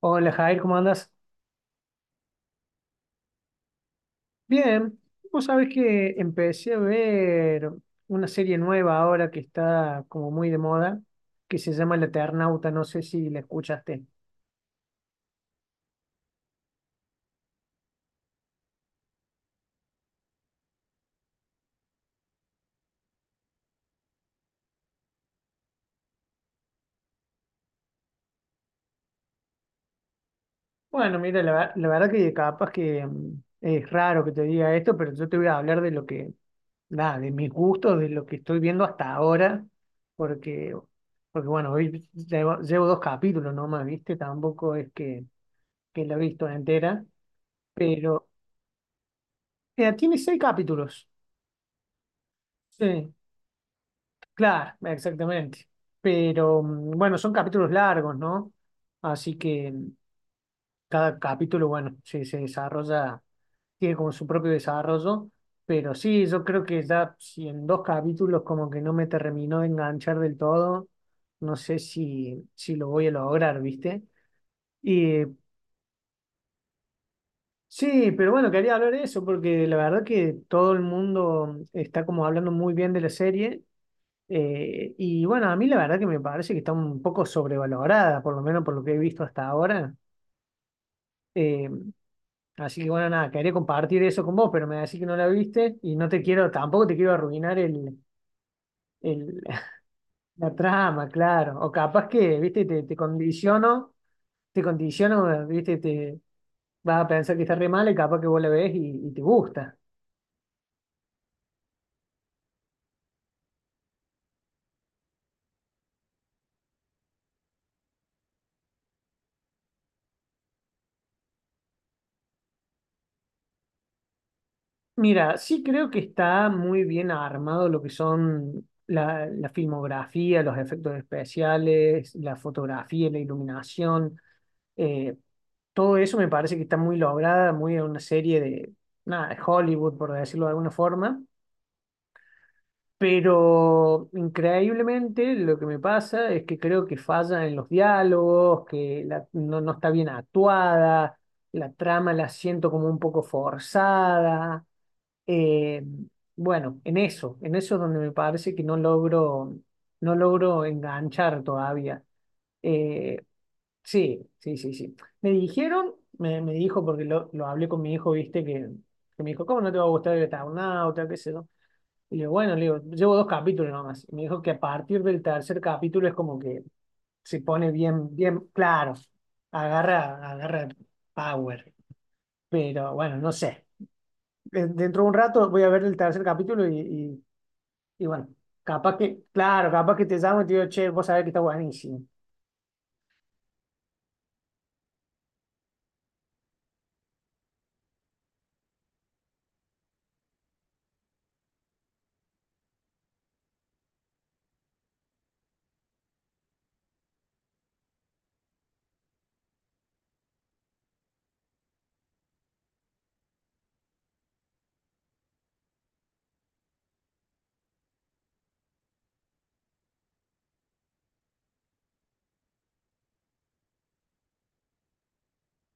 Hola Jair, ¿cómo andas? Bien, vos sabés que empecé a ver una serie nueva ahora que está como muy de moda, que se llama El Eternauta, no sé si la escuchaste. Bueno, mira, la verdad que capaz que es raro que te diga esto, pero yo te voy a hablar de mis gustos, de lo que estoy viendo hasta ahora, porque, porque bueno, hoy llevo dos capítulos nomás, ¿viste? Tampoco es que la he visto entera. Pero Mira, tiene seis capítulos. Sí, claro, exactamente. Pero bueno, son capítulos largos, ¿no? Así que cada capítulo, bueno, se desarrolla, tiene como su propio desarrollo. Pero sí, yo creo que ya si en dos capítulos como que no me terminó de enganchar del todo, no sé si lo voy a lograr, ¿viste? Y sí, pero bueno, quería hablar de eso porque la verdad que todo el mundo está como hablando muy bien de la serie. Y bueno, a mí la verdad que me parece que está un poco sobrevalorada, por lo menos por lo que he visto hasta ahora. Eh, Así que bueno, nada, quería compartir eso con vos, pero me decís que no la viste y no te quiero, tampoco te quiero arruinar el- la trama, claro. O capaz que, viste, te condiciono, viste, te vas a pensar que está re mal y capaz que vos la ves y te gusta. Mira, sí creo que está muy bien armado lo que son la filmografía, los efectos especiales, la fotografía, la iluminación. eh, Todo eso me parece que está muy lograda, muy en una serie de, nada, de Hollywood, por decirlo de alguna forma. Pero increíblemente lo que me pasa es que creo que falla en los diálogos, que no, no está bien actuada, la trama la siento como un poco forzada. Eh, bueno, en eso es donde me parece que no logro, no logro enganchar todavía. Eh, sí, sí, sí, sí. Me dijo, porque lo hablé con mi hijo, viste, que me dijo, ¿cómo no te va a gustar el Eternauta, qué sé yo? Y le digo, bueno, le digo, llevo dos capítulos nomás. Y me dijo que a partir del tercer capítulo es como que se pone bien, bien claro, agarra power. Pero bueno, no sé. Dentro de un rato voy a ver el tercer capítulo y bueno, capaz que, claro, capaz que te llamo y te digo, che, vos sabés que está buenísimo.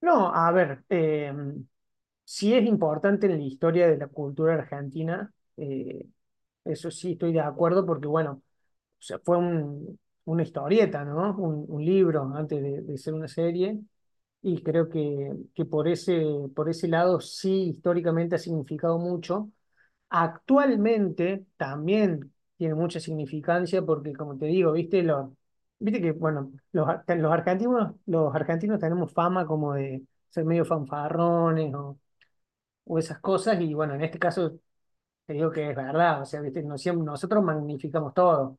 No, a ver, sí es importante en la historia de la cultura argentina, eso sí estoy de acuerdo, porque bueno, o sea, una historieta, ¿no? Un libro antes de ser una serie, y creo que por por ese lado sí históricamente ha significado mucho. Actualmente también tiene mucha significancia porque, como te digo, viste, viste que, bueno, los argentinos tenemos fama como de ser medio fanfarrones o esas cosas y, bueno, en este caso te digo que es verdad, o sea, viste, no siem- nosotros magnificamos todo.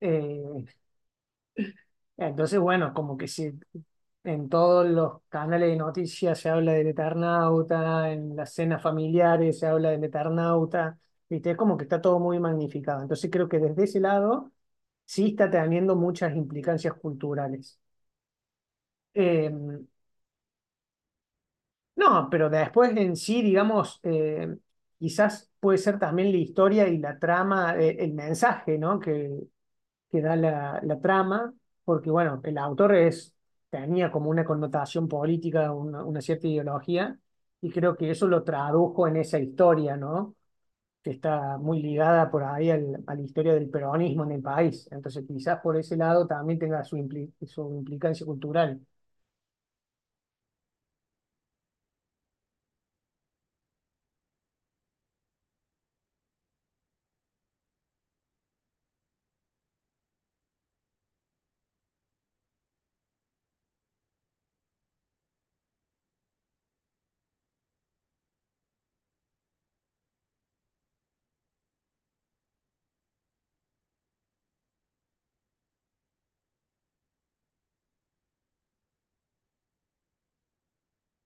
Eh, entonces, bueno, en todos los canales de noticias se habla del Eternauta, en las cenas familiares se habla del Eternauta, ¿viste? Es como que está todo muy magnificado. Entonces creo que desde ese lado sí está teniendo muchas implicancias culturales. Eh, no, pero después en sí, digamos, quizás puede ser también la historia y la trama, el mensaje, ¿no? Que da la trama, porque bueno, tenía como una connotación política, una cierta ideología, y creo que eso lo tradujo en esa historia, ¿no? Que está muy ligada por ahí a la historia del peronismo en el país. Entonces, quizás por ese lado también tenga su, su implicancia cultural.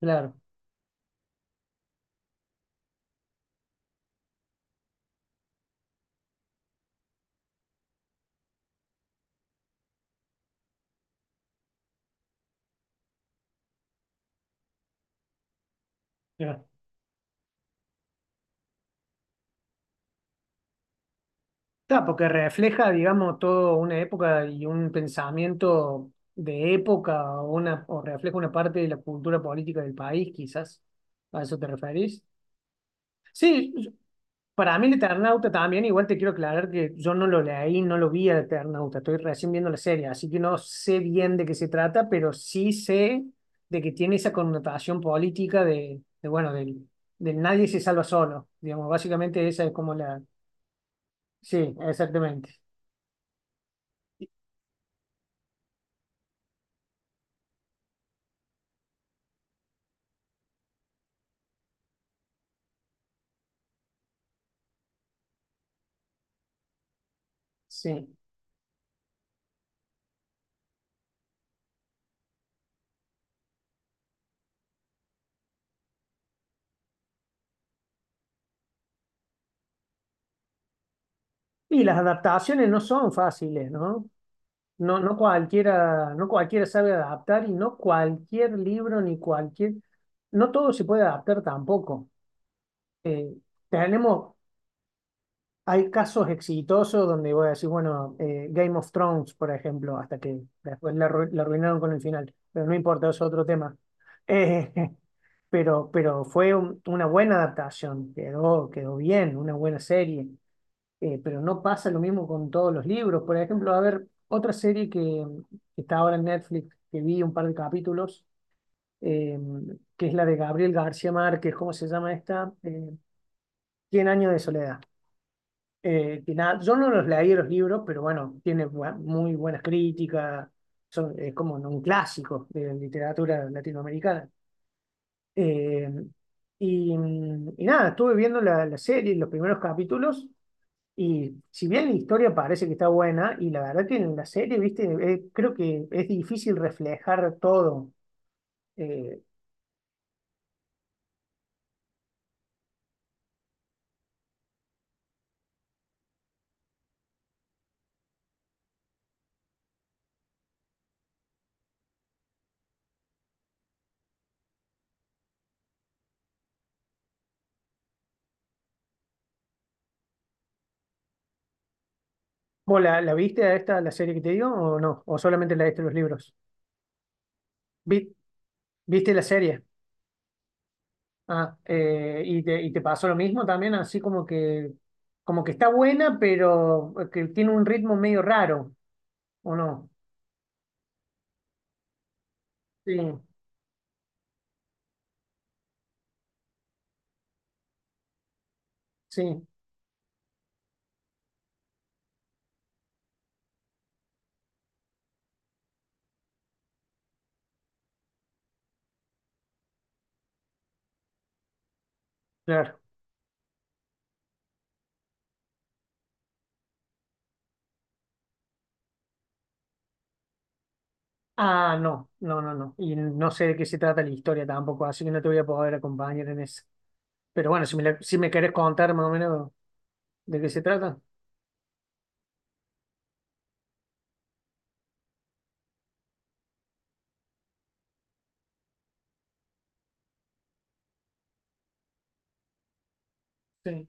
Claro, ya. Está, porque refleja, digamos, toda una época y un pensamiento de época o, una, o refleja una parte de la cultura política del país, quizás. ¿A eso te referís? Sí, yo- para mí el Eternauta también, igual te quiero aclarar que yo no lo leí, no lo vi al Eternauta, estoy recién viendo la serie, así que no sé bien de qué se trata, pero sí sé de que tiene esa connotación política bueno, del nadie se salva solo, digamos, básicamente esa es como la... Sí, exactamente, sí. Y las adaptaciones no son fáciles, ¿no? No, no cualquiera, no cualquiera sabe adaptar y no cualquier libro ni cualquier, no todo se puede adaptar tampoco. Eh, Tenemos, hay casos exitosos donde voy a decir, bueno, Game of Thrones, por ejemplo, hasta que después la arruinaron con el final, pero no importa, es otro tema. Eh, pero una buena adaptación, quedó bien, una buena serie. Pero no pasa lo mismo con todos los libros. Por ejemplo, a ver, otra serie que está ahora en Netflix, que vi un par de capítulos, eh, que es la de Gabriel García Márquez, ¿cómo se llama esta? Cien años de soledad. Que nada, yo no los leí los libros, pero bueno, tiene muy buenas críticas, es como un clásico de la literatura latinoamericana. Eh, y, y nada, estuve viendo la serie, los primeros capítulos. Y si bien la historia parece que está buena, y la verdad que en la serie, viste, eh, creo que es difícil reflejar todo. Eh, ¿Vos la viste a esta, la serie que te digo, o no? ¿O solamente la viste los libros? Vi- ¿Viste la serie? Ah, y te pasó lo mismo también, así como que está buena, pero que tiene un ritmo medio raro, ¿o no? Sí, sí, claro. Ah, no, no, no, no. Y no sé de qué se trata la historia tampoco, así que no te voy a poder acompañar en eso. Pero bueno, si me querés contar más o menos de qué se trata. Sí,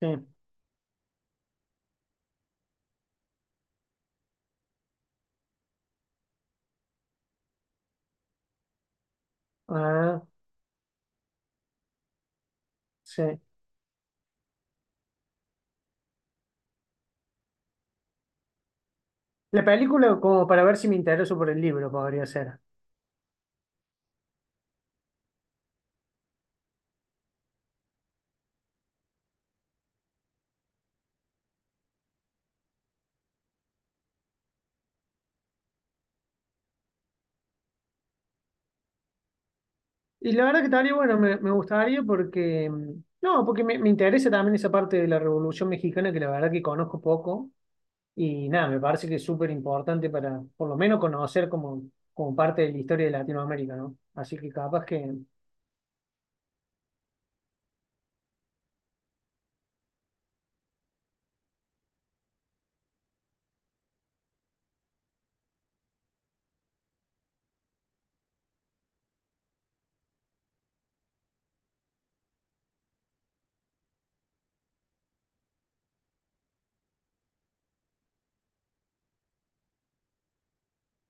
sí. Ah, sí. La película como para ver si me intereso por el libro podría ser. Y la verdad que estaría bueno, me gustaría porque... no, porque me interesa también esa parte de la Revolución Mexicana que la verdad que conozco poco. Y nada, me parece que es súper importante para por lo menos conocer como, como parte de la historia de Latinoamérica, ¿no? Así que capaz que...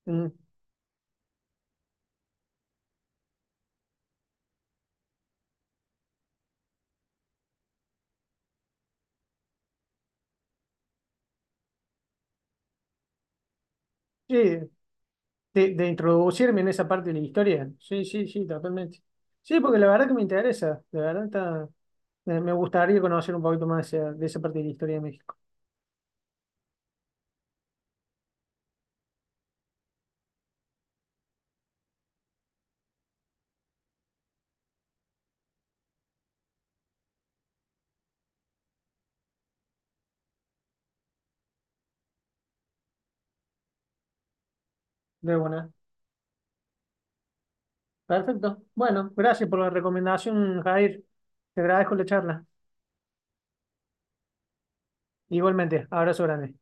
mm, sí, de introducirme en esa parte de la historia. Sí, sí, sí, totalmente. Sí, porque la verdad que me interesa, la verdad está... me gustaría conocer un poquito más de de esa parte de la historia de México. De buena. Perfecto. Bueno, gracias por la recomendación, Jair. Te agradezco la charla. Igualmente, abrazo grande.